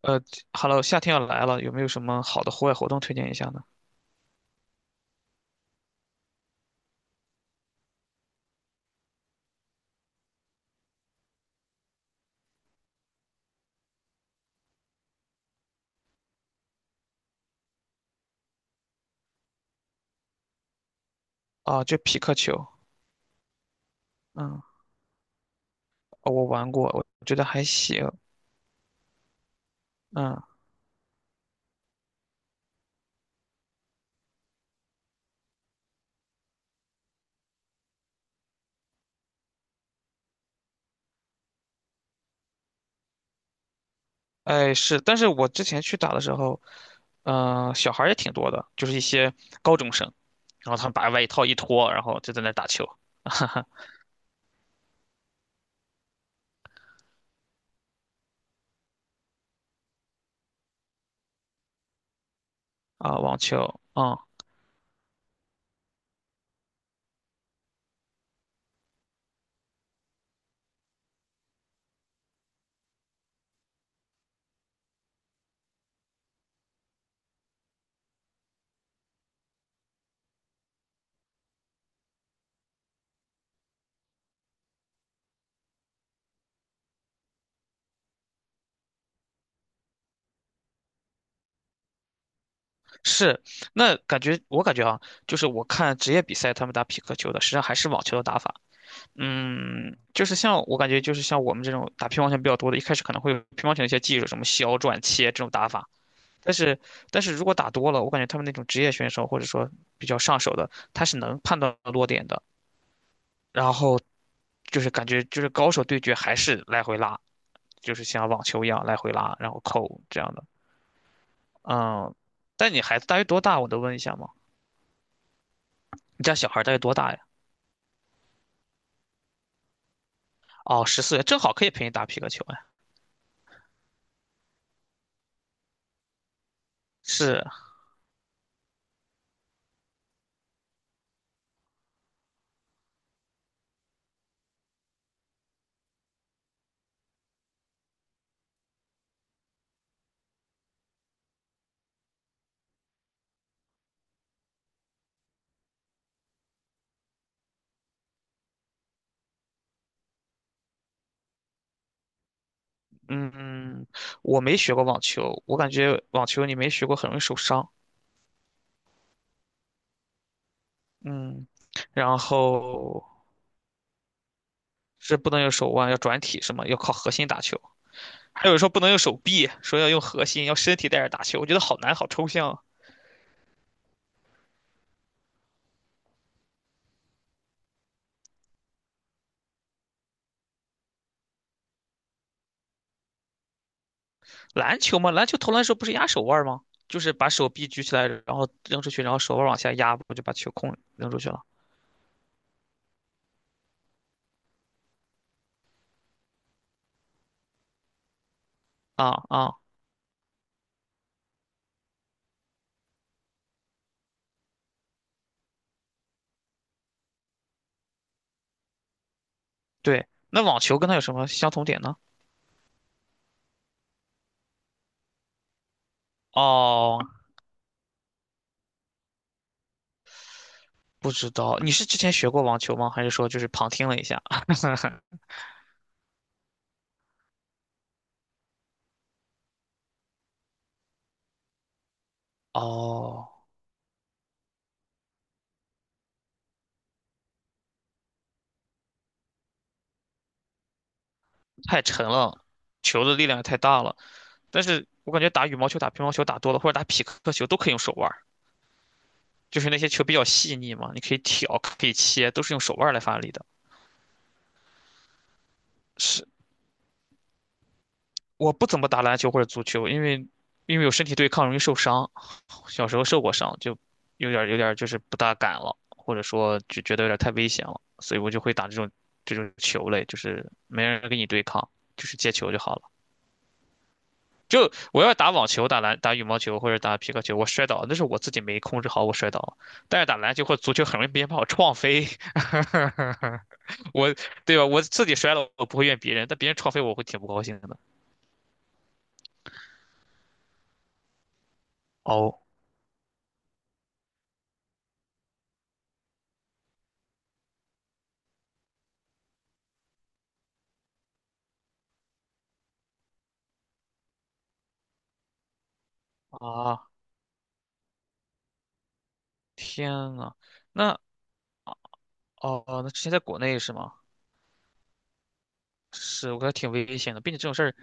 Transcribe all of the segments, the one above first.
呃 夏天要来了，有没有什么好的户外活动推荐一下呢？啊，就匹克球。嗯。哦，我玩过，我觉得还行。嗯。哎，是。但是我之前去打的时候，小孩儿也挺多的，就是一些高中生，然后他们把外套一脱，然后就在那儿打球。啊，网球。嗯。是。那感觉我感觉啊，就是我看职业比赛他们打匹克球的，实际上还是网球的打法。嗯，就是像我感觉，就是像我们这种打乒乓球比较多的，一开始可能会有乒乓球的一些技术，什么削、转、切这种打法。但是，但是如果打多了，我感觉他们那种职业选手或者说比较上手的，他是能判断落点的。然后就是感觉就是高手对决还是来回拉，就是像网球一样来回拉，然后扣这样的。嗯。但你孩子大约多大？我能问一下吗？你家小孩大约多大呀？哦，14岁，正好可以陪你打皮克球呀。是。嗯。我没学过网球，我感觉网球你没学过很容易受伤。嗯。然后是不能用手腕，要转体什么，要靠核心打球。还有人说不能用手臂，说要用核心，要身体带着打球。我觉得好难，好抽象啊。篮球嘛，篮球投篮的时候不是压手腕吗？就是把手臂举起来，然后扔出去，然后手腕往下压，不就把球控扔出去了？啊啊，对。那网球跟它有什么相同点呢？哦，不知道。你是之前学过网球吗？还是说就是旁听了一下？哦，太沉了，球的力量也太大了。但是我感觉打羽毛球、打乒乓球打多了，或者打匹克球都可以用手腕儿，就是那些球比较细腻嘛，你可以挑，可以切，都是用手腕儿来发力的。是。我不怎么打篮球或者足球，因为有身体对抗容易受伤，小时候受过伤，就有点儿就是不大敢了，或者说就觉得有点儿太危险了，所以我就会打这种球类，就是没人跟你对抗，就是接球就好了。就我要打网球、打篮、打羽毛球或者打皮克球，我摔倒那是我自己没控制好，我摔倒了。但是打篮球或足球很容易别人把我撞飞。我对吧？我自己摔了，我不会怨别人，但别人撞飞我会挺不高兴的。哦。啊，天呐。那哦，那之前在国内是吗？是，我感觉挺危险的，并且这种事儿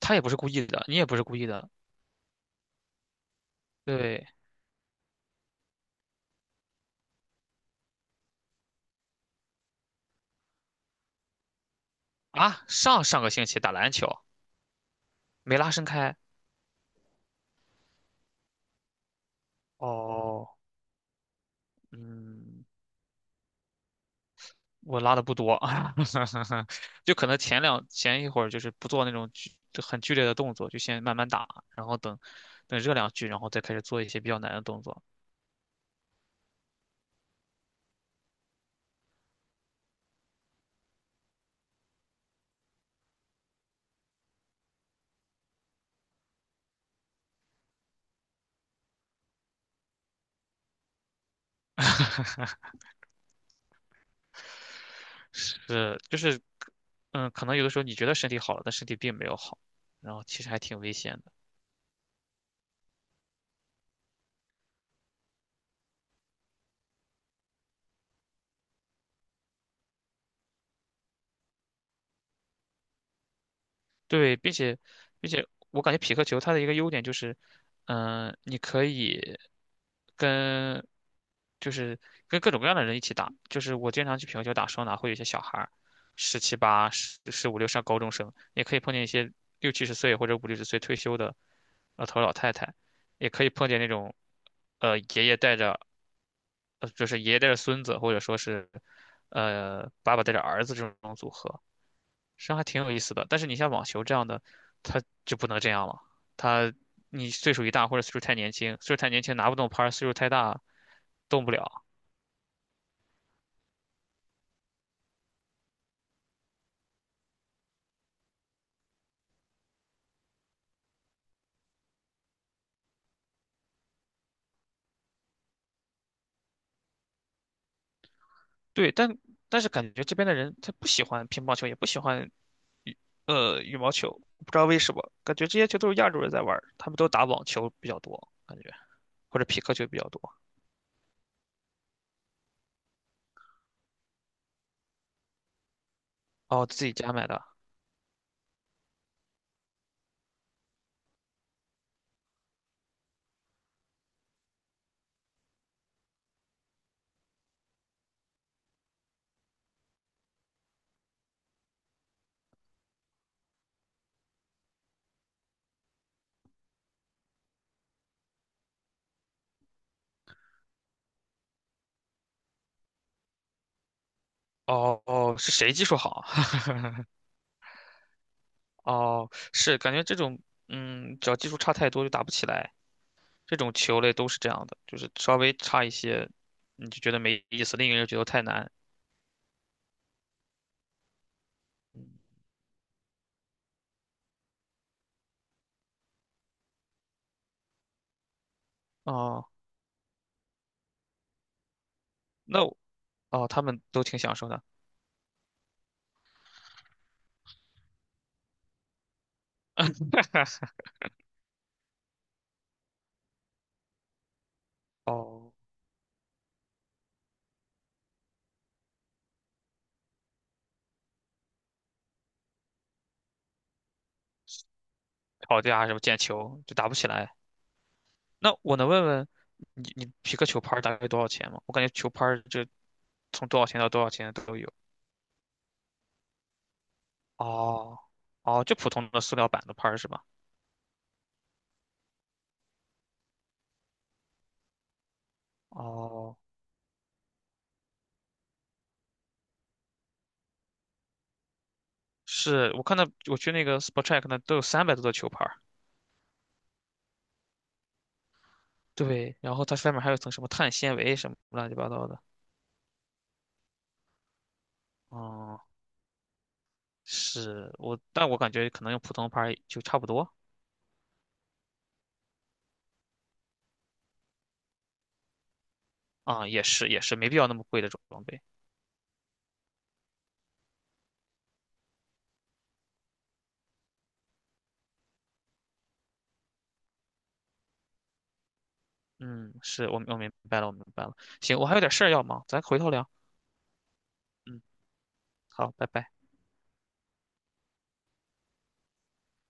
他也不是故意的，你也不是故意的。对啊，上上个星期打篮球没拉伸开。哦。嗯，我拉的不多。就可能前一会儿就是不做那种很剧烈的动作，就先慢慢打，然后等热两局，然后再开始做一些比较难的动作。是，就是。嗯，可能有的时候你觉得身体好了，但身体并没有好，然后其实还挺危险的。对。并且我感觉匹克球它的一个优点就是，嗯、你可以跟就是各种各样的人一起打。就是我经常去匹克球打双打，会有一些小孩儿，十七八、十五六上高中生，也可以碰见一些六七十岁或者五六十岁退休的老头儿老太太，也可以碰见那种呃爷爷带着爷爷带着孙子，或者说是爸爸带着儿子这种组合。实际上还挺有意思的。但是你像网球这样的，他就不能这样了。他你岁数一大或者岁数太年轻拿不动拍儿，岁数太大动不了。对。但是感觉这边的人他不喜欢乒乓球，也不喜欢羽毛球，不知道为什么，感觉这些球都是亚洲人在玩儿他们都打网球比较多，感觉或者匹克球比较多。哦，自己家买的。哦哦，是谁技术好啊？哦，是感觉这种只要技术差太多就打不起来。这种球类都是这样的，就是稍微差一些，你就觉得没意思，另一个人觉得太难。哦，那我哦，他们都挺享受的。哦，吵架什么毽球就打不起来。那我能问问你，你皮克球拍儿大概多少钱吗？我感觉球拍就从多少钱到多少钱都有。哦。哦，就普通的塑料板的拍儿是吧？哦，是我看到我去那个 SportTreck 那都有300多的球拍儿。对，然后它外面还有一层什么碳纤维什么乱七八糟的。哦。是但我感觉可能用普通牌儿就差不多。啊，也是没必要那么贵的装备。嗯，是我明白了，我明白了。行，我还有点事儿要忙，咱回头聊。嗯，好，拜拜。